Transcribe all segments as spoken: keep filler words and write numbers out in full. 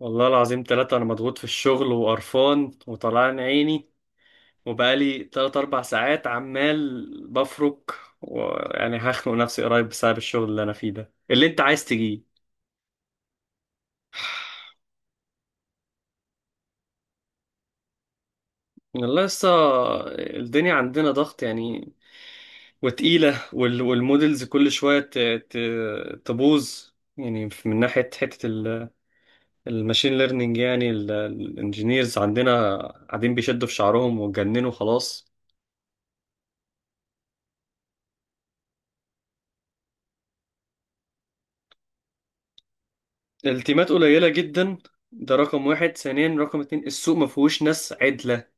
والله العظيم ثلاثة، أنا مضغوط في الشغل وقرفان وطلعان عيني وبقالي تلات أربع ساعات عمال بفرك، ويعني هخنق نفسي قريب بسبب الشغل اللي أنا فيه ده اللي أنت عايز تجيه. والله لسه، الدنيا عندنا ضغط يعني وتقيلة، وال- والمودلز كل شوية ت- ت- تبوظ، يعني من ناحية حتة الماشين ليرنينج، يعني الانجينيرز عندنا قاعدين بيشدوا في شعرهم واتجننوا خلاص. التيمات قليلة جدا، ده رقم واحد. ثانيا رقم اتنين، السوق ما فيهوش ناس عدلة،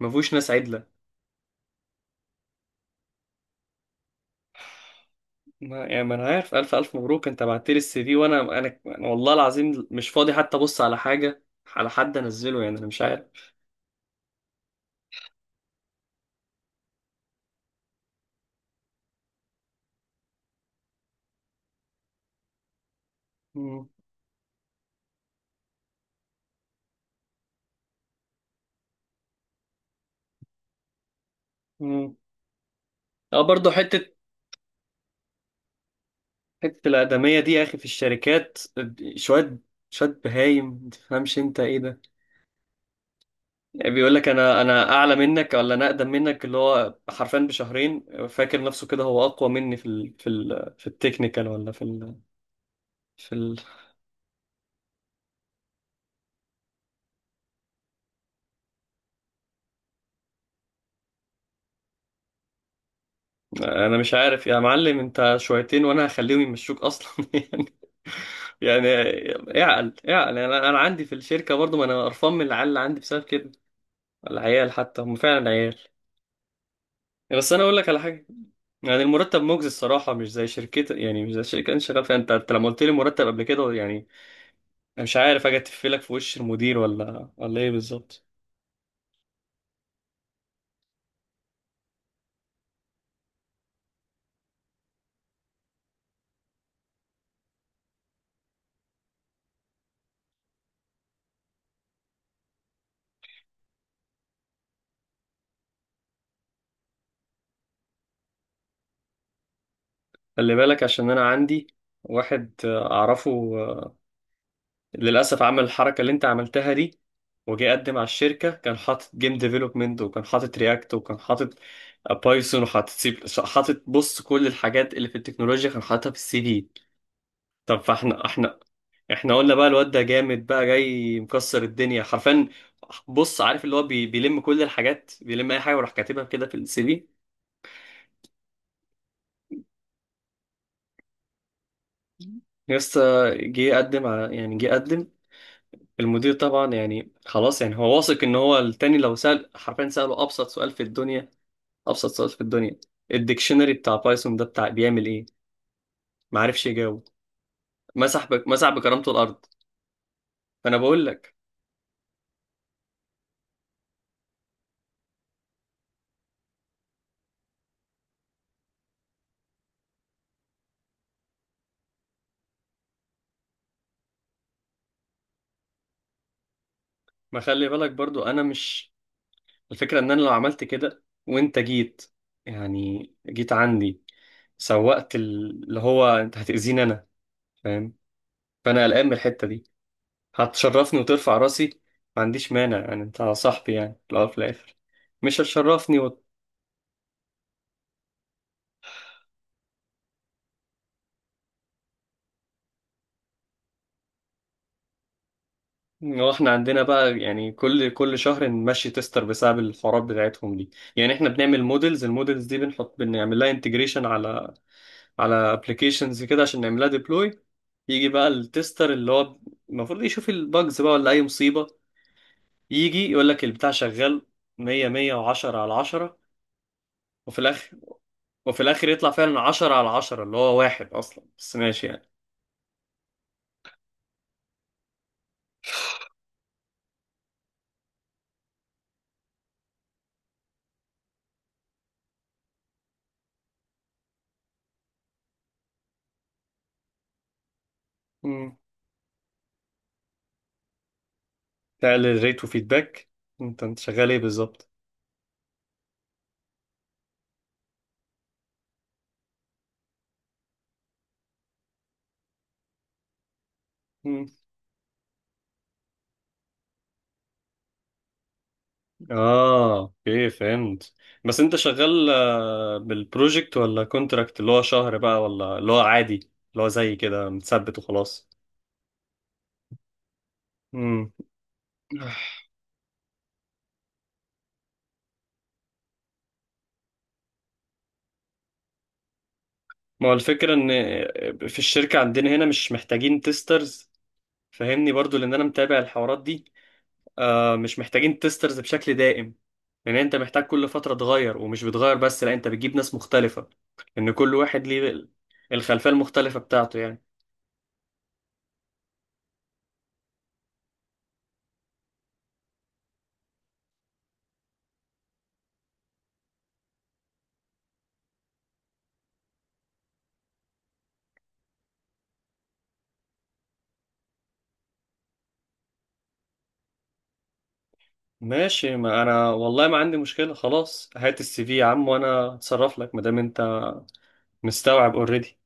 ما فيهوش ناس عدلة. ما يعني، ما انا عارف، الف الف مبروك، انت بعت لي السي في، وانا انا أنا والله العظيم مش فاضي حتى ابص على حاجة، على حد انزله يعني، انا مش عارف. مم. مم. اه برضه، حتة حتة الآدمية دي يا اخي في الشركات، شوية شوية بهايم متفهمش انت ايه ده. يعني بيقول لك انا انا اعلى منك ولا انا اقدم منك، اللي هو حرفيا بشهرين، فاكر نفسه كده هو اقوى مني في ال في ال في التكنيكال ولا في ال في ال انا مش عارف يا معلم، انت شويتين وانا هخليهم يمشوك اصلا يعني. يعني اعقل اعقل، يعني انا أنا عندي في الشركه برضو، ما انا قرفان من العيال اللي عندي بسبب كده، العيال حتى هم فعلا عيال. بس انا اقول لك على حاجه، يعني المرتب مجزي الصراحه، مش زي شركتك، يعني مش زي الشركه اللي انت شغال فيها. انت أنت لما قلت لي مرتب قبل كده يعني، انا مش عارف اجي اتفلك في وش المدير ولا ولا ايه بالظبط. خلي بالك، عشان انا عندي واحد آه، اعرفه، آه، للاسف عمل الحركه اللي انت عملتها دي، وجي يقدم على الشركه، كان حاطط جيم ديفلوبمنت، وكان حاطط رياكت، وكان حاطط بايثون، وحاطط سي، حاطط، بص، كل الحاجات اللي في التكنولوجيا كان حاططها في السي في. طب فاحنا احنا احنا قلنا بقى الواد ده جامد بقى، جاي مكسر الدنيا حرفيا، بص، عارف اللي هو بي- بيلم كل الحاجات، بيلم اي حاجه وراح كاتبها كده في السي في. يس، جه قدم على يعني جه قدم، المدير طبعا يعني خلاص يعني، هو واثق ان هو التاني، لو سأل حرفيا سأله ابسط سؤال في الدنيا، ابسط سؤال في الدنيا، الديكشنري بتاع بايثون ده بتاع بيعمل ايه، ما عرفش يجاوب، مسح بك مسح بكرامته الارض. فانا بقول لك، ما خلي بالك برضو، انا مش، الفكرة ان انا لو عملت كده وانت جيت، يعني جيت عندي، سوقت ال- اللي هو، انت هتأذيني انا فاهم، فانا قلقان من الحتة دي. هتشرفني وترفع راسي، ما عنديش مانع يعني، انت صاحبي يعني في الاول وفي الاخر، مش هتشرفني و... واحنا عندنا بقى يعني كل كل شهر نمشي تستر بسبب الحوارات بتاعتهم دي. يعني احنا بنعمل مودلز، المودلز دي بنحط، بنعمل لها انتجريشن على على ابلكيشنز كده عشان نعمل لها ديبلوي، يجي بقى التستر اللي هو المفروض يشوف الباجز بقى ولا اي مصيبة، يجي يقول لك البتاع شغال مية مية وعشرة على عشرة. وفي الاخر، وفي الاخر يطلع فعلا عشرة على عشرة، اللي هو واحد اصلا، بس ماشي يعني. مم. تعمل ريت وفيدباك؟ انت انت شغال ايه بالظبط؟ مم. اه اوكي، فهمت. بس انت شغال آه، بالبروجكت ولا كونتراكت اللي هو شهر بقى، ولا اللي هو عادي اللي هو زي كده متثبت وخلاص؟ مم. ما هو الفكرة ان آه، في الشركة عندنا هنا مش محتاجين تيسترز، فاهمني برضو، لان انا متابع الحوارات دي. آه، مش محتاجين تيسترز بشكل دائم، لان انت محتاج كل فتره تغير، ومش بتغير بس، لا، انت بتجيب ناس مختلفه، لان كل واحد ليه الخلفيه المختلفه بتاعته يعني. ماشي، ما انا والله ما عندي مشكله خلاص، هات السي في يا عم وانا اتصرف لك، ما دام انت مستوعب اوريدي.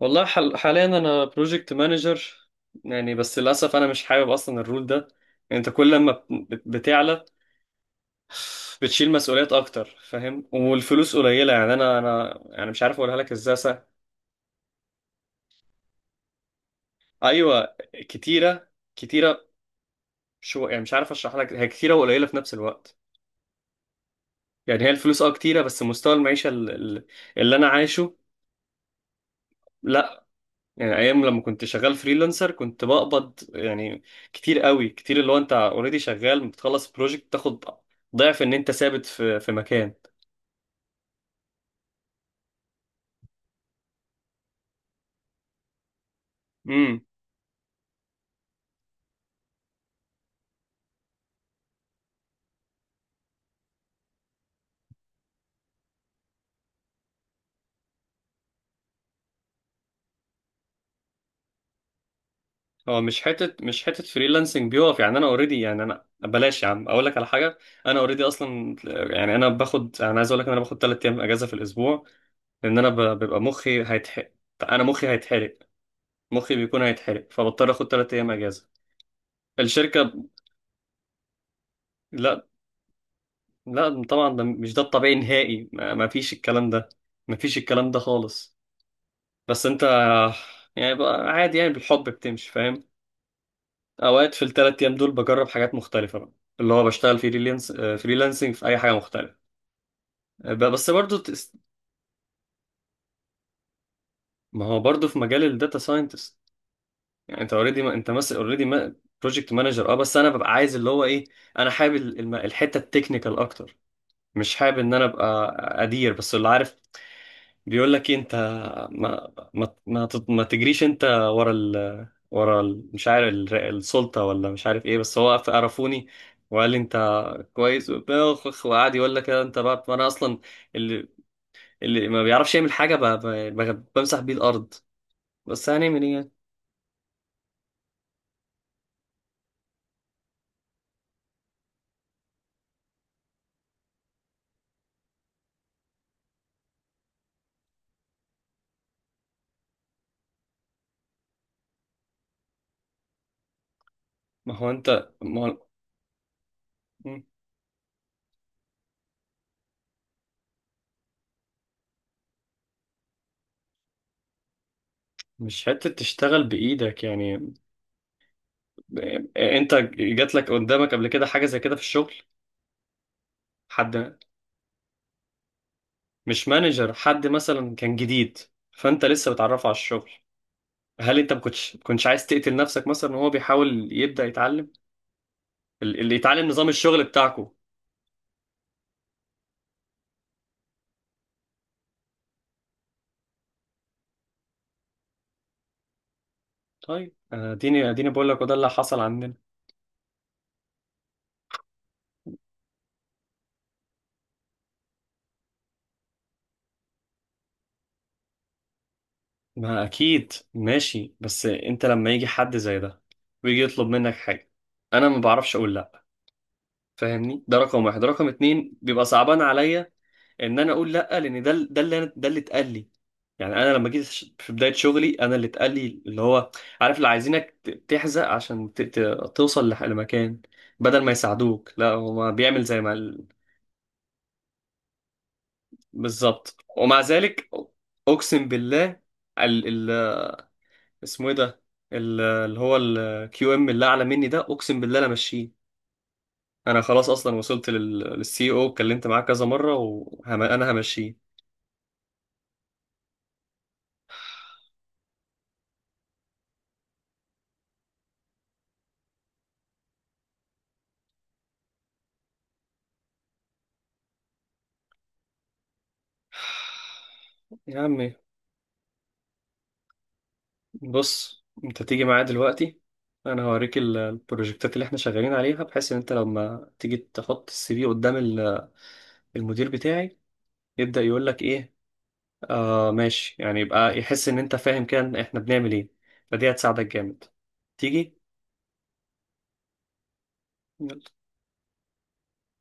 والله حل... حاليا انا بروجكت مانجر، يعني بس للاسف انا مش حابب اصلا الرول ده. انت كل لما بت- بتعلى، بتشيل مسؤوليات اكتر فاهم، والفلوس قليله يعني، انا انا يعني مش عارف اقولها لك ازاي. ايوه، كتيره، كتيره. شو يعني، مش عارف اشرح لك، هي كتيره وقليله في نفس الوقت. يعني هي الفلوس اه كتيره، بس مستوى المعيشه ال- ال- اللي انا عايشه، لا. يعني ايام لما كنت شغال فريلانسر، كنت بقبض يعني كتير قوي، كتير، اللي هو انت اوريدي شغال بتخلص بروجكت تاخد ضعف ان انت ثابت في في مكان. امم هو مش حته، مش حته فريلانسنج بيقف، يعني انا اوريدي يعني، انا بلاش يا عم اقول لك على حاجه، انا اوريدي اصلا، يعني انا باخد، انا عايز اقول لك إن انا باخد ثلاث ايام اجازه في الاسبوع، لان انا ب- بيبقى مخي هيتحرق، انا مخي هيتحرق، مخي بيكون هيتحرق، فبضطر اخد ثلاث ايام اجازه. الشركه، لا، لا طبعا ده مش ده الطبيعي نهائي، ما ما فيش الكلام ده، ما فيش الكلام ده خالص. بس انت يعني بقى عادي، يعني بالحب بتمشي فاهم، اوقات في الثلاث ايام دول بجرب حاجات مختلفه بقى، اللي هو بشتغل فريلانس فريلانسنج في اي حاجه مختلفه، ب- بس برضو تس- ما هو برضو في مجال الداتا ساينتست. يعني انت اوريدي ما... انت مثلا اوريدي بروجكت مانجر، اه بس انا ببقى عايز اللي هو ايه، انا حابب ال- الم- الحته التكنيكال اكتر، مش حابب ان انا ابقى ادير بس. اللي عارف بيقول لك إيه، انت ما ما ما, تت- ما تجريش انت ورا ال ورا ال مش عارف ال- السلطه، ولا مش عارف ايه، بس هو عرفوني وقال لي انت كويس وبتاع، وخ- وقعد يقول لك انت بقى، ما انا اصلا اللي اللي ما بيعرفش يعمل حاجه ب- ب- بمسح بيه الارض، بس هنعمل ايه يعني؟ ما هو انت، ما هو مش حتة تشتغل بإيدك يعني. أنت جات لك قدامك قبل كده حاجة زي كده في الشغل؟ حد، مش مانجر، حد مثلا كان جديد فأنت لسه بتعرفه على الشغل، هل أنت ما كنتش ما كنتش عايز تقتل نفسك مثلا وهو بيحاول يبدأ يتعلم ال- اللي يتعلم نظام الشغل بتاعكو؟ طيب أنا أديني أديني بقول لك، وده اللي حصل عندنا. ما أكيد ماشي، بس أنت لما يجي حد زي ده ويجي يطلب منك حاجة، أنا ما بعرفش أقول لأ فاهمني، ده رقم واحد، رقم اتنين بيبقى صعبان عليا ان انا اقول لا، لان ده ده اللي أنا- ده اللي اتقال لي. يعني انا لما جيت ش- في بدايه شغلي، انا اللي اتقال لي اللي هو عارف، اللي عايزينك ت- تحزق عشان ت- ت- توصل لح- لمكان، بدل ما يساعدوك، لا هو بيعمل زي ما ال- بالظبط، ومع ذلك اقسم بالله، ال ال اسمه ايه ده، ال- اللي هو الكيو ام اللي اعلى مني ده، اقسم بالله انا ماشيه، انا خلاص اصلا وصلت للسي او، اتكلمت معاه كذا مره وانا همشيه. يا عم بص، انت تيجي معايا دلوقتي، انا هوريك ال- البروجكتات اللي احنا شغالين عليها، بحيث ان انت لما تيجي تحط السي في قدام ال- المدير بتاعي، يبدأ يقول لك ايه، آه ماشي يعني، يبقى يحس ان انت فاهم كان احنا بنعمل ايه، فدي هتساعدك جامد، تيجي.